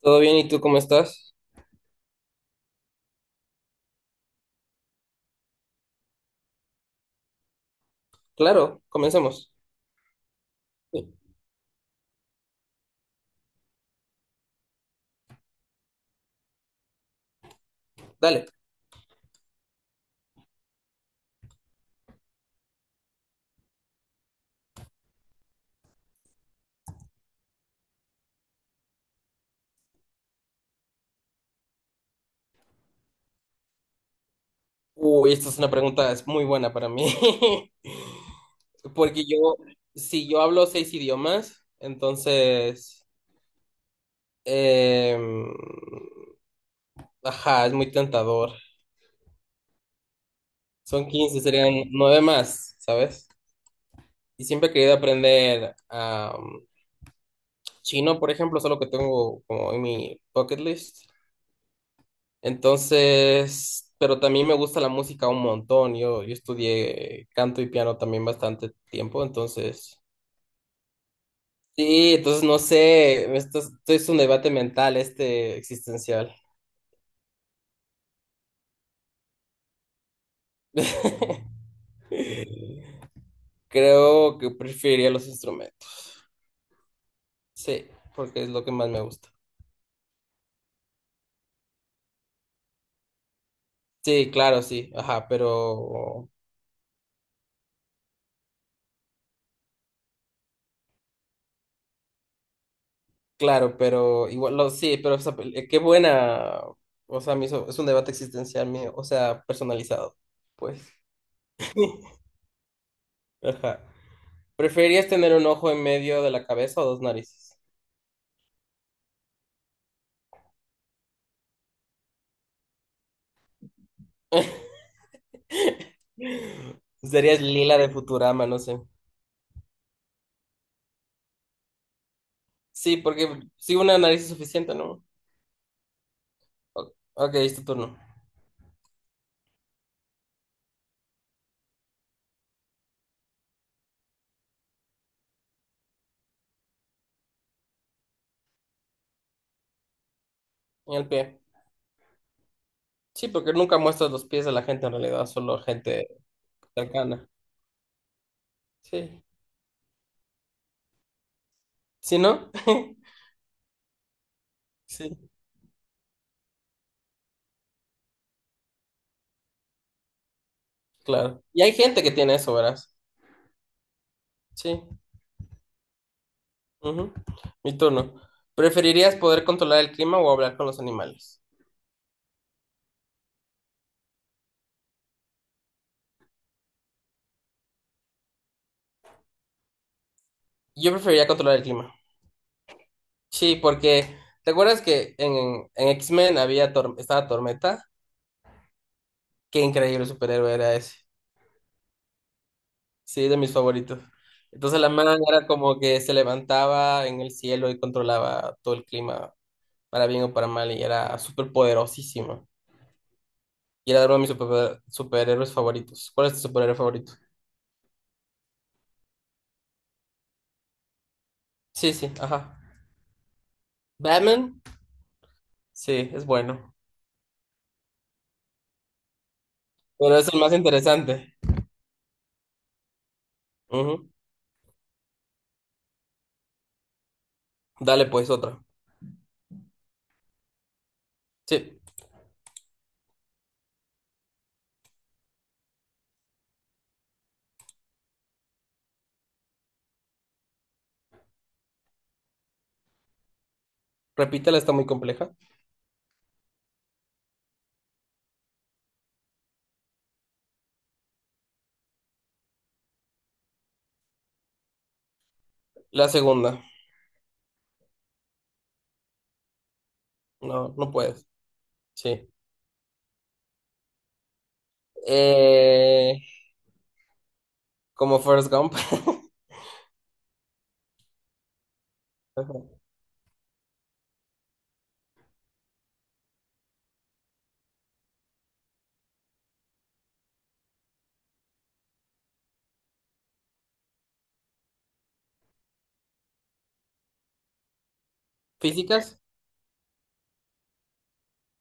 ¿Todo bien? ¿Y tú cómo estás? Claro, comencemos. Sí. Dale. Uy, esta es una pregunta es muy buena para mí. Porque yo, si yo hablo seis idiomas, entonces, em, ajá, es muy tentador. Son 15 serían nueve más, ¿sabes? Y siempre he querido aprender chino, por ejemplo, solo que tengo como en mi bucket list. Entonces, pero también me gusta la música un montón. Yo estudié canto y piano también bastante tiempo, entonces. Sí, entonces no sé, esto es un debate mental, este existencial. Creo que preferiría los instrumentos. Sí, porque es lo que más me gusta. Sí, claro, sí, ajá, pero claro, pero igual, lo, sí, pero o sea, qué buena, o sea, es un debate existencial mío, o sea, personalizado, pues. Ajá. ¿Preferirías tener un ojo en medio de la cabeza o dos narices? Serías Lila de Futurama, no sé. Sí, porque si una nariz es suficiente, ¿no? Ok, es tu turno. Y el pie. Sí, porque nunca muestras los pies de la gente en realidad, solo gente cercana. Sí. ¿Sí, no? Sí, claro. Y hay gente que tiene eso, verás. Sí. Ujú. Mi turno. ¿Preferirías poder controlar el clima o hablar con los animales? Yo preferiría controlar el clima. Sí, porque ¿te acuerdas que en X-Men había estaba Tormenta? Qué increíble superhéroe era ese. Sí, de mis favoritos. Entonces la man era como que se levantaba en el cielo y controlaba todo el clima, para bien o para mal, y era súper poderosísima. Y era uno de mis superhéroes favoritos. ¿Cuál es tu superhéroe favorito? Sí, sí, ajá. Batman, sí, es bueno. Pero es el más interesante. Ujú. Dale pues otra. Sí, repítela, está muy compleja. La segunda. No, no puedes. Sí. Eh, como Forrest Gump. ¿Físicas?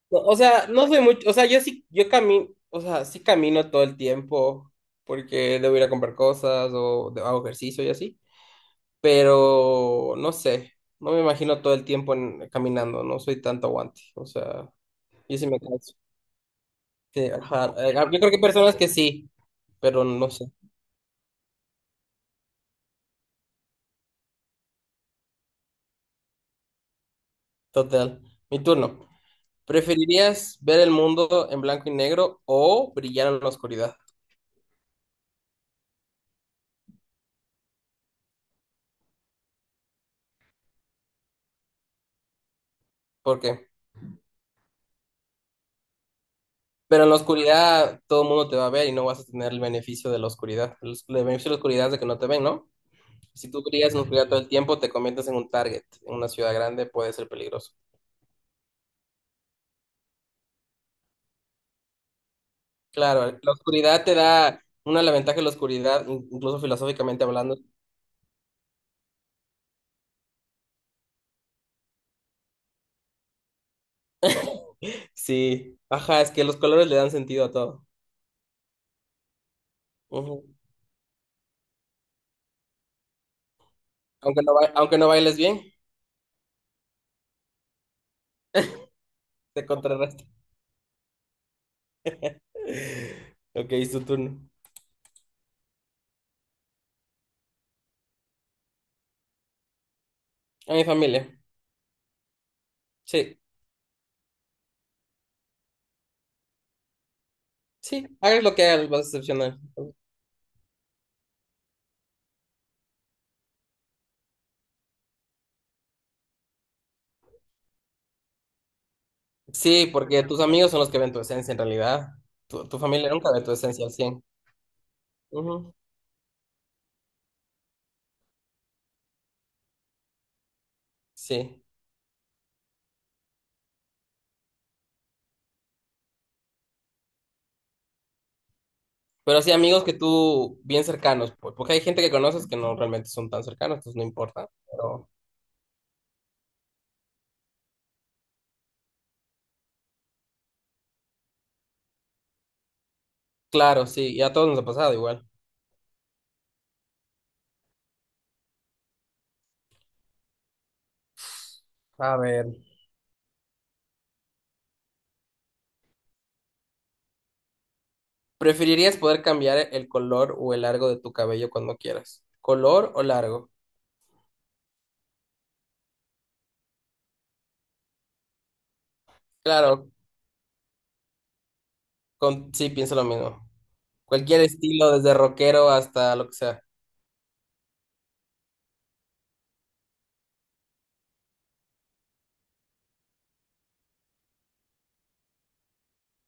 No, o sea, no soy mucho, o sea, yo sí, yo camino, o sea, sí camino todo el tiempo porque debo ir a comprar cosas hago ejercicio y así, pero no sé, no me imagino todo el tiempo caminando, no soy tanto aguante, o sea, yo sí me canso. Sí, ajá, yo creo que hay personas que sí, pero no sé, total. Mi turno. ¿Preferirías ver el mundo en blanco y negro o brillar en la oscuridad? ¿Por qué? Pero en la oscuridad todo el mundo te va a ver y no vas a tener el beneficio de la oscuridad. El beneficio de la oscuridad es de que no te ven, ¿no? Si tú brillas en la oscuridad todo el tiempo, te conviertes en un target. En una ciudad grande puede ser peligroso. Claro, la oscuridad te da una la ventaja de la oscuridad, incluso filosóficamente hablando. Sí, ajá, es que los colores le dan sentido a todo. Ujú. Aunque no, aunque no bailes bien, te contrarresta. Ok, es tu turno. A mi familia. Sí, sí, hagas lo que hagas, vas a decepcionar. Sí, porque tus amigos son los que ven tu esencia en realidad. Tu familia nunca ve tu esencia al cien. Ujú. Sí. Pero sí, amigos que tú, bien cercanos, pues, porque hay gente que conoces que no realmente son tan cercanos, entonces no importa. Pero claro, sí, y a todos nos ha pasado igual. A ver. ¿Preferirías poder cambiar el color o el largo de tu cabello cuando quieras? ¿Color o largo? Claro, con, sí, pienso lo mismo. Cualquier estilo, desde rockero hasta lo que sea.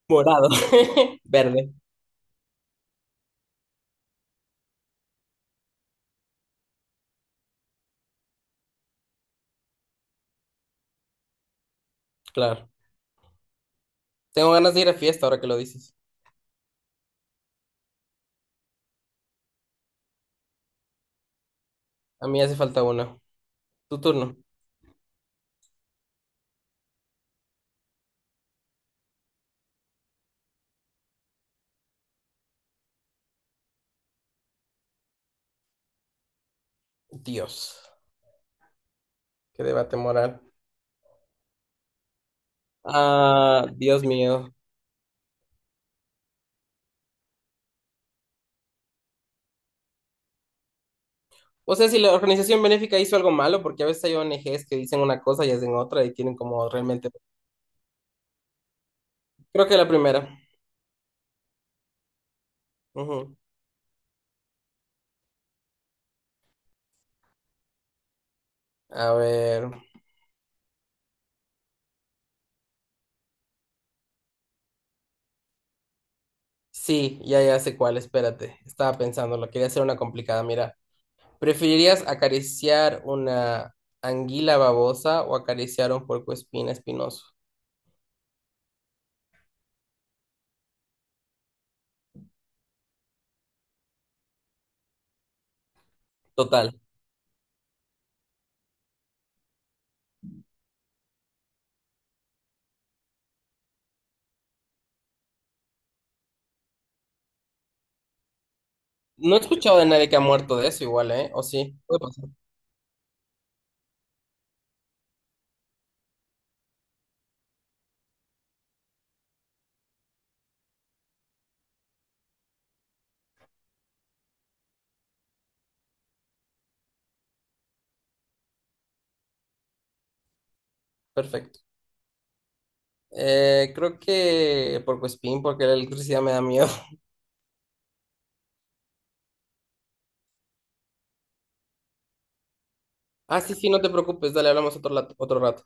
Morado. Verde, claro. Tengo ganas de ir a fiesta ahora que lo dices. A mí hace falta uno. Tu turno. Dios. Qué debate moral. Ah, Dios mío. O sea, si la organización benéfica hizo algo malo, porque a veces hay ONGs que dicen una cosa y hacen otra y tienen como realmente... Creo que la primera. Ujú. A ver. Sí, ya, ya sé cuál, espérate. Estaba pensando, lo quería hacer una complicada. Mira, ¿preferirías acariciar una anguila babosa o acariciar un puercoespín espinoso? Total. No he escuchado de nadie que ha muerto de eso igual, ¿eh? ¿O sí? Puede pasar. Perfecto. Creo que por Spin, porque la electricidad me da miedo. Ah, sí, sí, no te preocupes, dale, hablamos otro, otro rato.